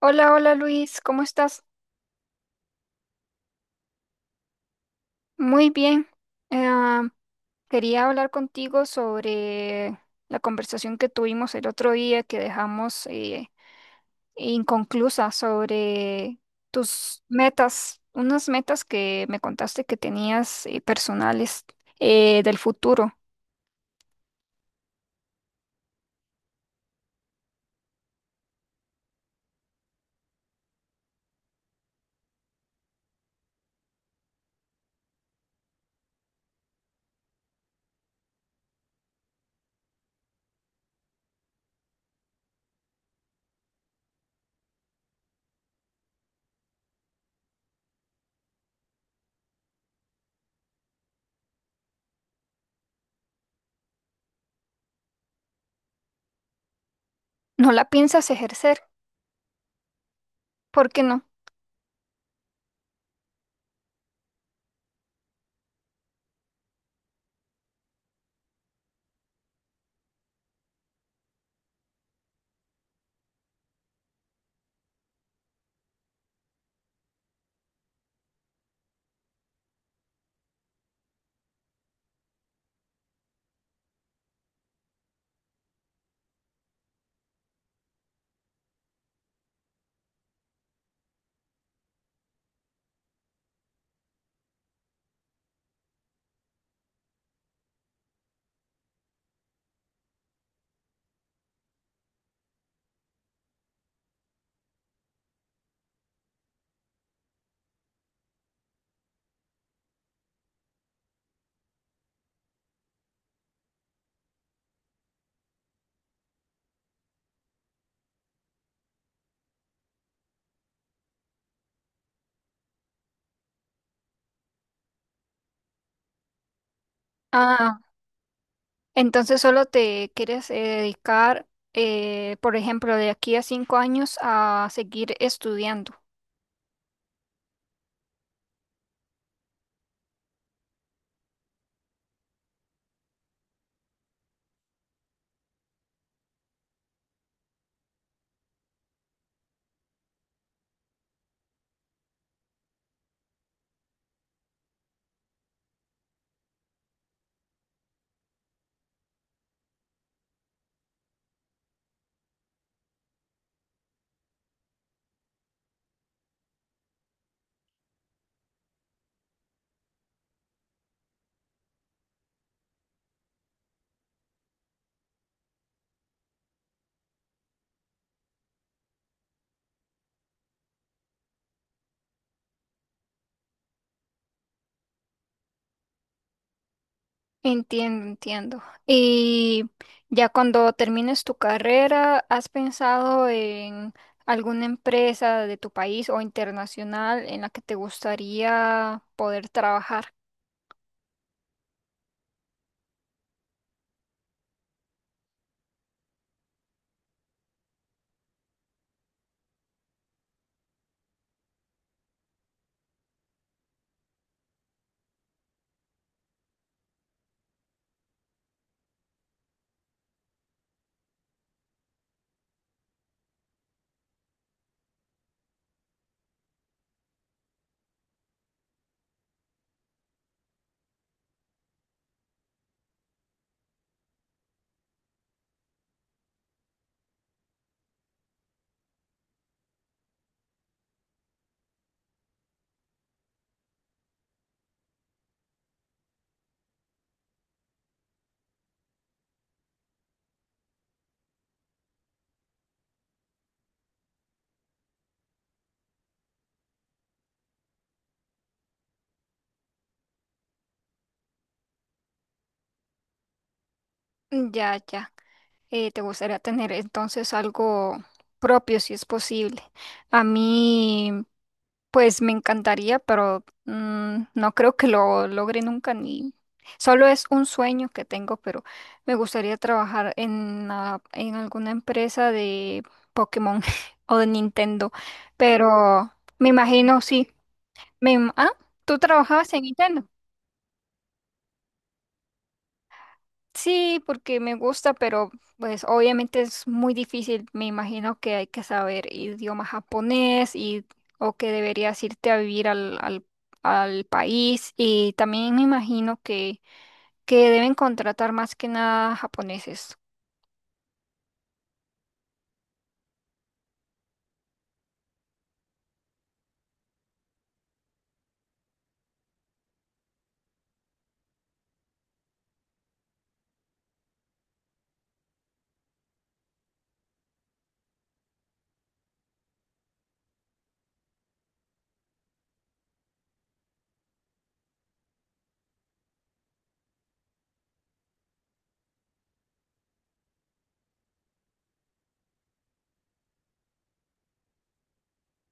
Hola, hola Luis, ¿cómo estás? Muy bien. Ah, Quería hablar contigo sobre la conversación que tuvimos el otro día que dejamos inconclusa sobre tus metas, unas metas que me contaste que tenías personales del futuro. ¿No la piensas ejercer? ¿Por qué no? Ah, entonces solo te quieres dedicar, por ejemplo, de aquí a 5 años a seguir estudiando. Entiendo, entiendo. Y ya cuando termines tu carrera, ¿has pensado en alguna empresa de tu país o internacional en la que te gustaría poder trabajar? Mm, ya, ya. Te gustaría tener entonces algo propio si es posible. A mí pues me encantaría, pero no creo que lo logre nunca ni solo es un sueño que tengo, pero me gustaría trabajar en, en alguna empresa de Pokémon o de Nintendo, pero me imagino sí. Me, im- ah, ¿Tú trabajabas en Nintendo? Sí, porque me gusta, pero pues obviamente es muy difícil. Me imagino que hay que saber idioma japonés y o que deberías irte a vivir al país. Y también me imagino que deben contratar más que nada japoneses.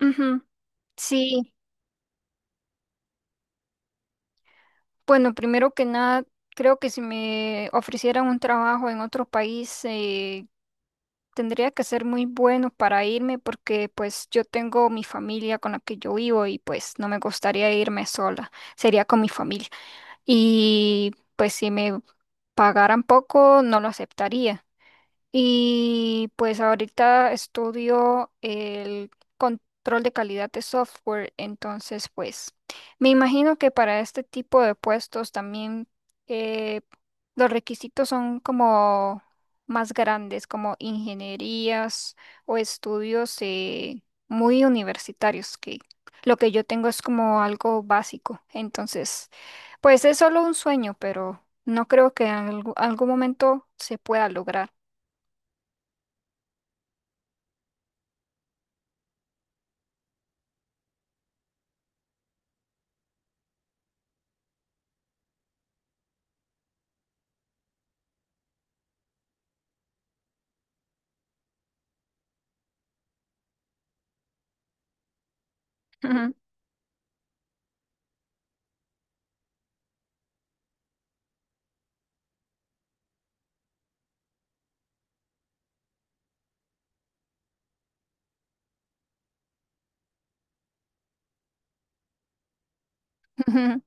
Ujú. Sí, bueno, primero que nada, creo que si me ofrecieran un trabajo en otro país, tendría que ser muy bueno para irme porque pues yo tengo mi familia con la que yo vivo y pues no me gustaría irme sola, sería con mi familia. Y pues si me pagaran poco no lo aceptaría. Y pues ahorita estudio el control de calidad de software, entonces pues me imagino que para este tipo de puestos también eh, los requisitos son como más grandes, como ingenierías o estudios muy universitarios, que lo que yo tengo es como algo básico, entonces pues es solo un sueño, pero no creo que en algún momento se pueda lograr. Ujú.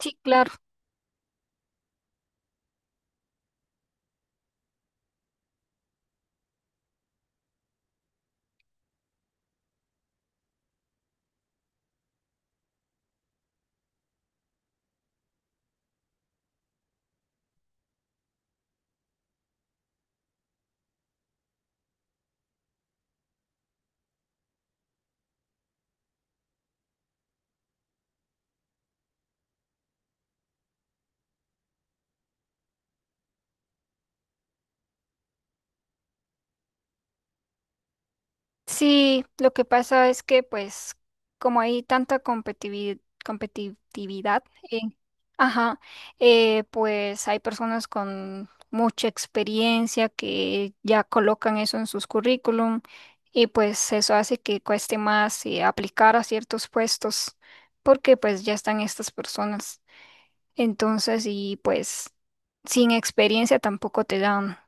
Sí, claro. Sí, lo que pasa es que pues como hay tanta competitividad, en- ajá, pues hay personas con mucha experiencia que ya colocan eso en sus currículum y pues eso hace que cueste más aplicar a ciertos puestos porque pues ya están estas personas. Entonces, y pues sin experiencia tampoco te dan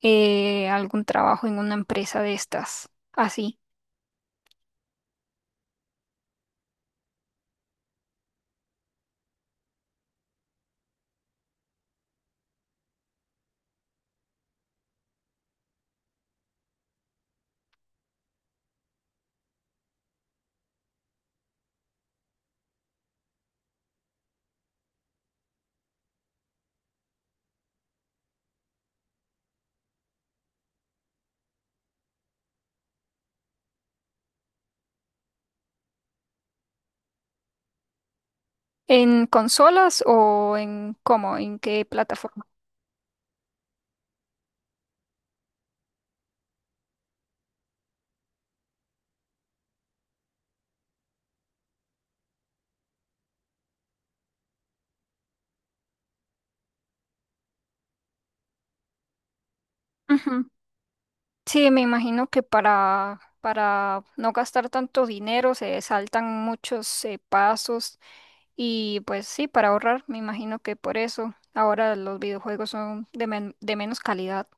algún trabajo en una empresa de estas, así. ¿En consolas o en cómo? ¿En qué plataforma? Ujú. Sí, me imagino que para no gastar tanto dinero se saltan muchos pasos y pues sí, para ahorrar, me imagino que por eso ahora los videojuegos son de, de menos calidad.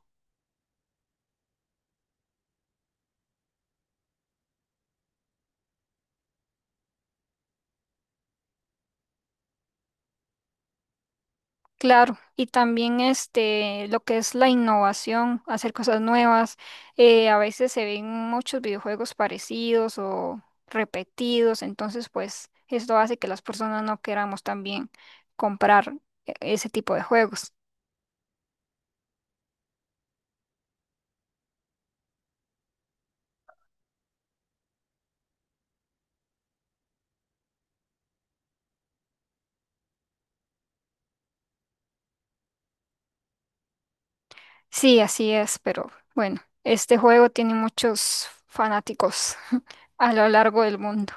Claro, y también este, lo que es la innovación, hacer cosas nuevas. Eh, a veces se ven muchos videojuegos parecidos o repetidos, entonces pues esto hace que las personas no queramos también comprar ese tipo de juegos. Sí, así es, pero bueno, este juego tiene muchos fanáticos a lo largo del mundo.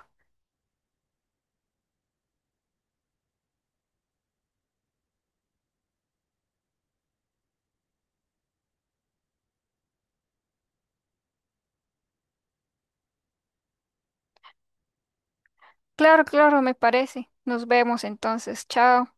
Claro, claro, me parece. Nos vemos entonces. Chao.